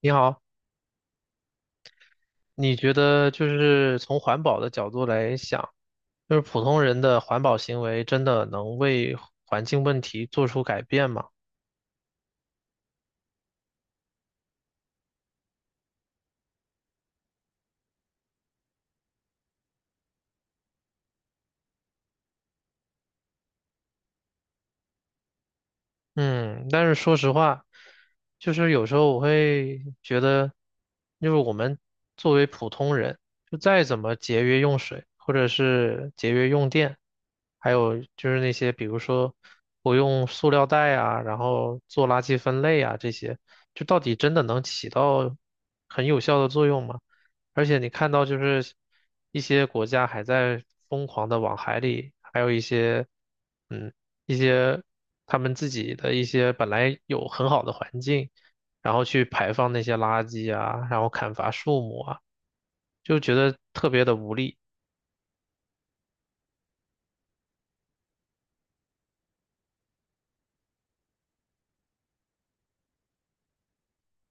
你好，你觉得从环保的角度来想，普通人的环保行为真的能为环境问题做出改变吗？嗯，但是说实话，就是有时候我会觉得，我们作为普通人，就再怎么节约用水，或者是节约用电，还有就是那些比如说不用塑料袋啊，然后做垃圾分类啊这些，就到底真的能起到很有效的作用吗？而且你看到一些国家还在疯狂的往海里，还有一些嗯一些他们自己的一些本来有很好的环境，然后去排放那些垃圾啊，然后砍伐树木啊，就觉得特别的无力。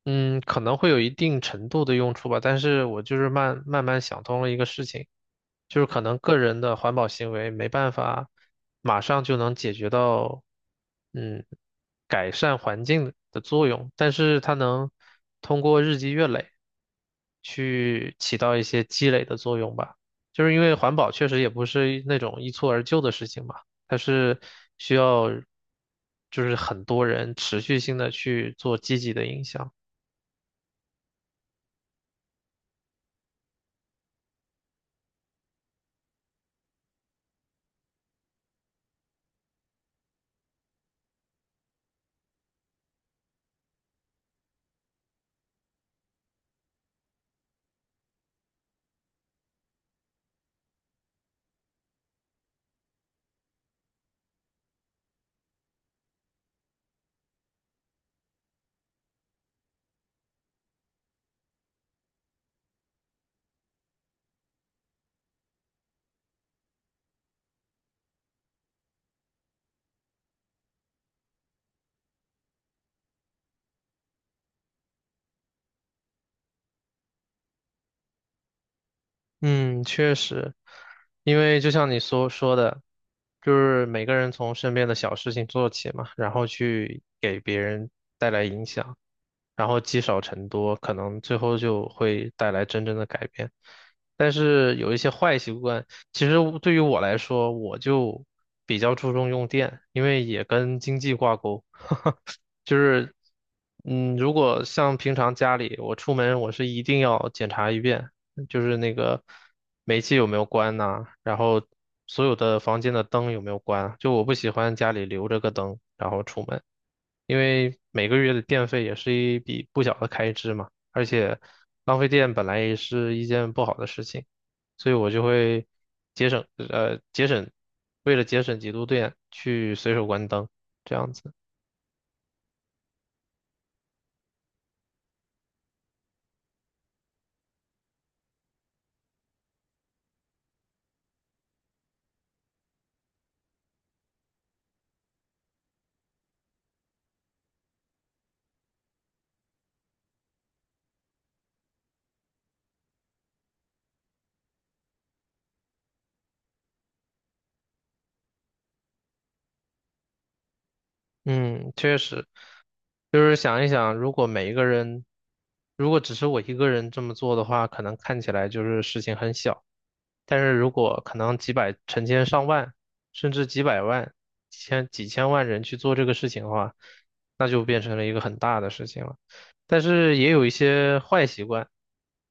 嗯，可能会有一定程度的用处吧，但是我就是慢慢想通了一个事情，就是可能个人的环保行为没办法马上就能解决到，嗯，改善环境的作用，但是它能通过日积月累去起到一些积累的作用吧。就是因为环保确实也不是那种一蹴而就的事情嘛，它是需要很多人持续性的去做积极的影响。嗯，确实，因为就像你所说的，就是每个人从身边的小事情做起嘛，然后去给别人带来影响，然后积少成多，可能最后就会带来真正的改变。但是有一些坏习惯，其实对我来说，我就比较注重用电，因为也跟经济挂钩。就是，如果像平常家里，我出门我是一定要检查一遍，就是那个煤气有没有关呐、然后所有的房间的灯有没有关啊，就我不喜欢家里留着个灯，然后出门，因为每个月的电费也是一笔不小的开支嘛，而且浪费电本来也是一件不好的事情，所以我就会节省，节省，为了节省几度电去随手关灯，这样子。嗯，确实，就是想一想，如果每一个人，如果只是我一个人这么做的话，可能看起来就是事情很小，但是如果可能几百、成千上万，甚至几百万、几千万人去做这个事情的话，那就变成了一个很大的事情了。但是也有一些坏习惯，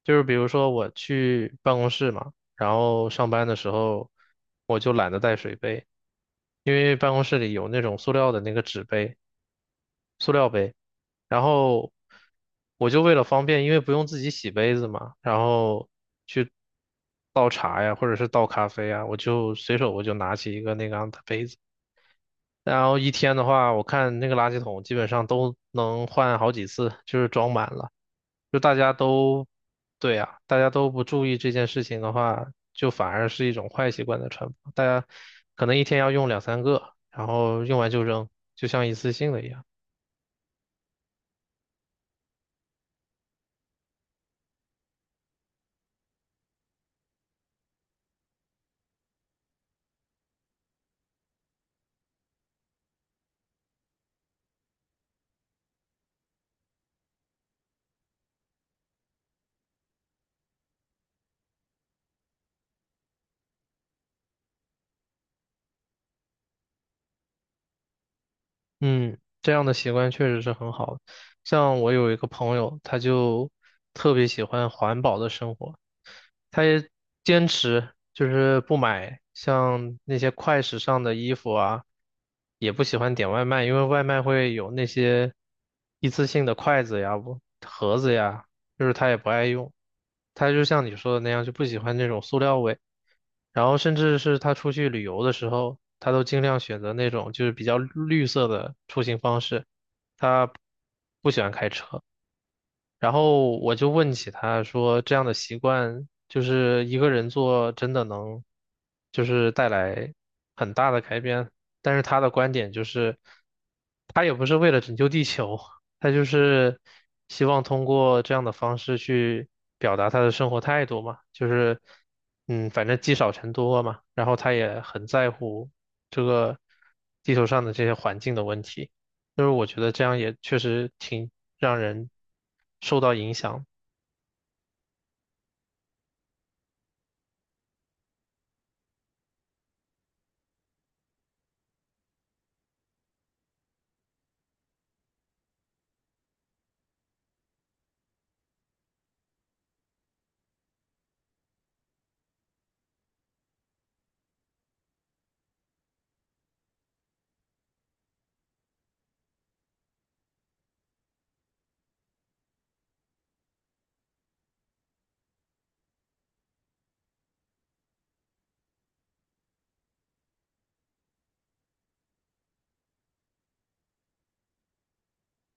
就是比如说我去办公室嘛，然后上班的时候我就懒得带水杯，因为办公室里有那种塑料的那个纸杯。塑料杯，然后我就为了方便，因为不用自己洗杯子嘛，然后去倒茶呀，或者是倒咖啡啊，我就随手拿起一个那个样的杯子，然后一天的话，我看那个垃圾桶基本上都能换好几次，就是装满了。就大家都，对呀，大家都不注意这件事情的话，就反而是一种坏习惯的传播。大家可能一天要用两三个，然后用完就扔，就像一次性的一样。嗯，这样的习惯确实是很好的。像我有一个朋友，他就特别喜欢环保的生活，他也坚持就是不买，像那些快时尚的衣服啊，也不喜欢点外卖，因为外卖会有那些一次性的筷子呀、不盒子呀，就是他也不爱用。他就像你说的那样，就不喜欢那种塑料味。然后甚至是他出去旅游的时候，他都尽量选择那种就是比较绿色的出行方式。他不喜欢开车。然后我就问起他说，这样的习惯就是一个人做，真的能就是带来很大的改变。但是他的观点就是，他也不是为了拯救地球，他就是希望通过这样的方式去表达他的生活态度嘛，反正积少成多嘛。然后他也很在乎这个地球上的这些环境的问题。就是我觉得这样也确实挺让人受到影响。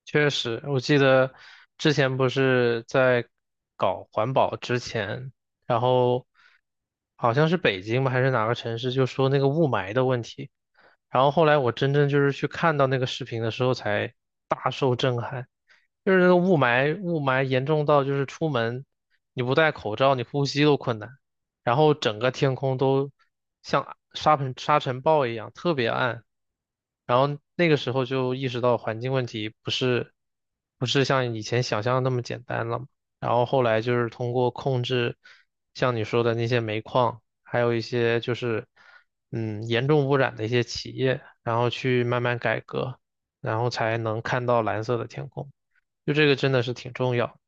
确实，我记得之前不是在搞环保之前，然后好像是北京吧，还是哪个城市，就说那个雾霾的问题。然后后来我真正就是去看到那个视频的时候，才大受震撼。就是那个雾霾，雾霾严重到就是出门你不戴口罩，你呼吸都困难，然后整个天空都像沙尘暴一样，特别暗。然后那个时候就意识到环境问题不是像以前想象的那么简单了嘛。然后后来就是通过控制，像你说的那些煤矿，还有一些就是严重污染的一些企业，然后去慢慢改革，然后才能看到蓝色的天空。就这个真的是挺重要。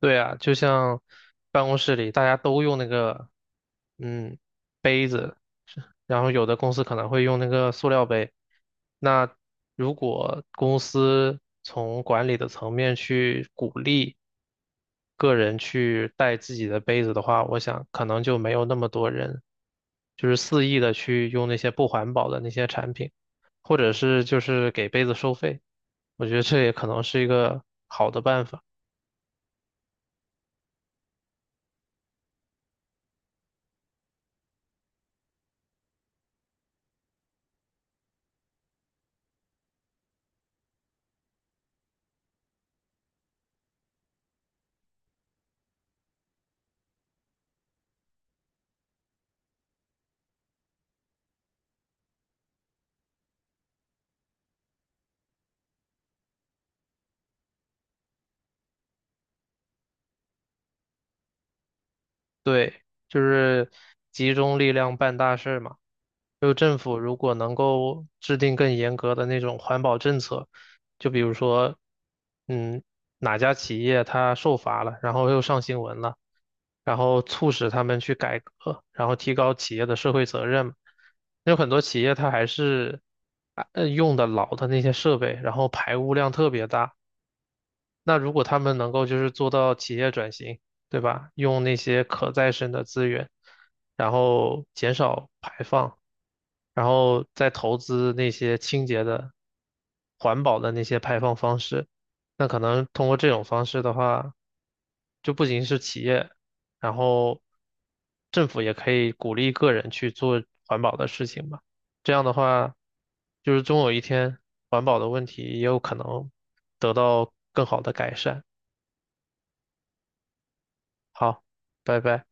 对啊，就像办公室里大家都用那个嗯杯子，然后有的公司可能会用那个塑料杯。那如果公司从管理的层面去鼓励个人去带自己的杯子的话，我想可能就没有那么多人就是肆意的去用那些不环保的那些产品，或者是就是给杯子收费。我觉得这也可能是一个好的办法。对，就是集中力量办大事嘛。就政府如果能够制定更严格的那种环保政策，就比如说，嗯，哪家企业它受罚了，然后又上新闻了，然后促使他们去改革，然后提高企业的社会责任。有很多企业它还是用的老的那些设备，然后排污量特别大。那如果他们能够就是做到企业转型，对吧？用那些可再生的资源，然后减少排放，然后再投资那些清洁的、环保的那些排放方式，那可能通过这种方式的话，就不仅是企业，然后政府也可以鼓励个人去做环保的事情吧。这样的话，就是终有一天，环保的问题也有可能得到更好的改善。好，拜拜。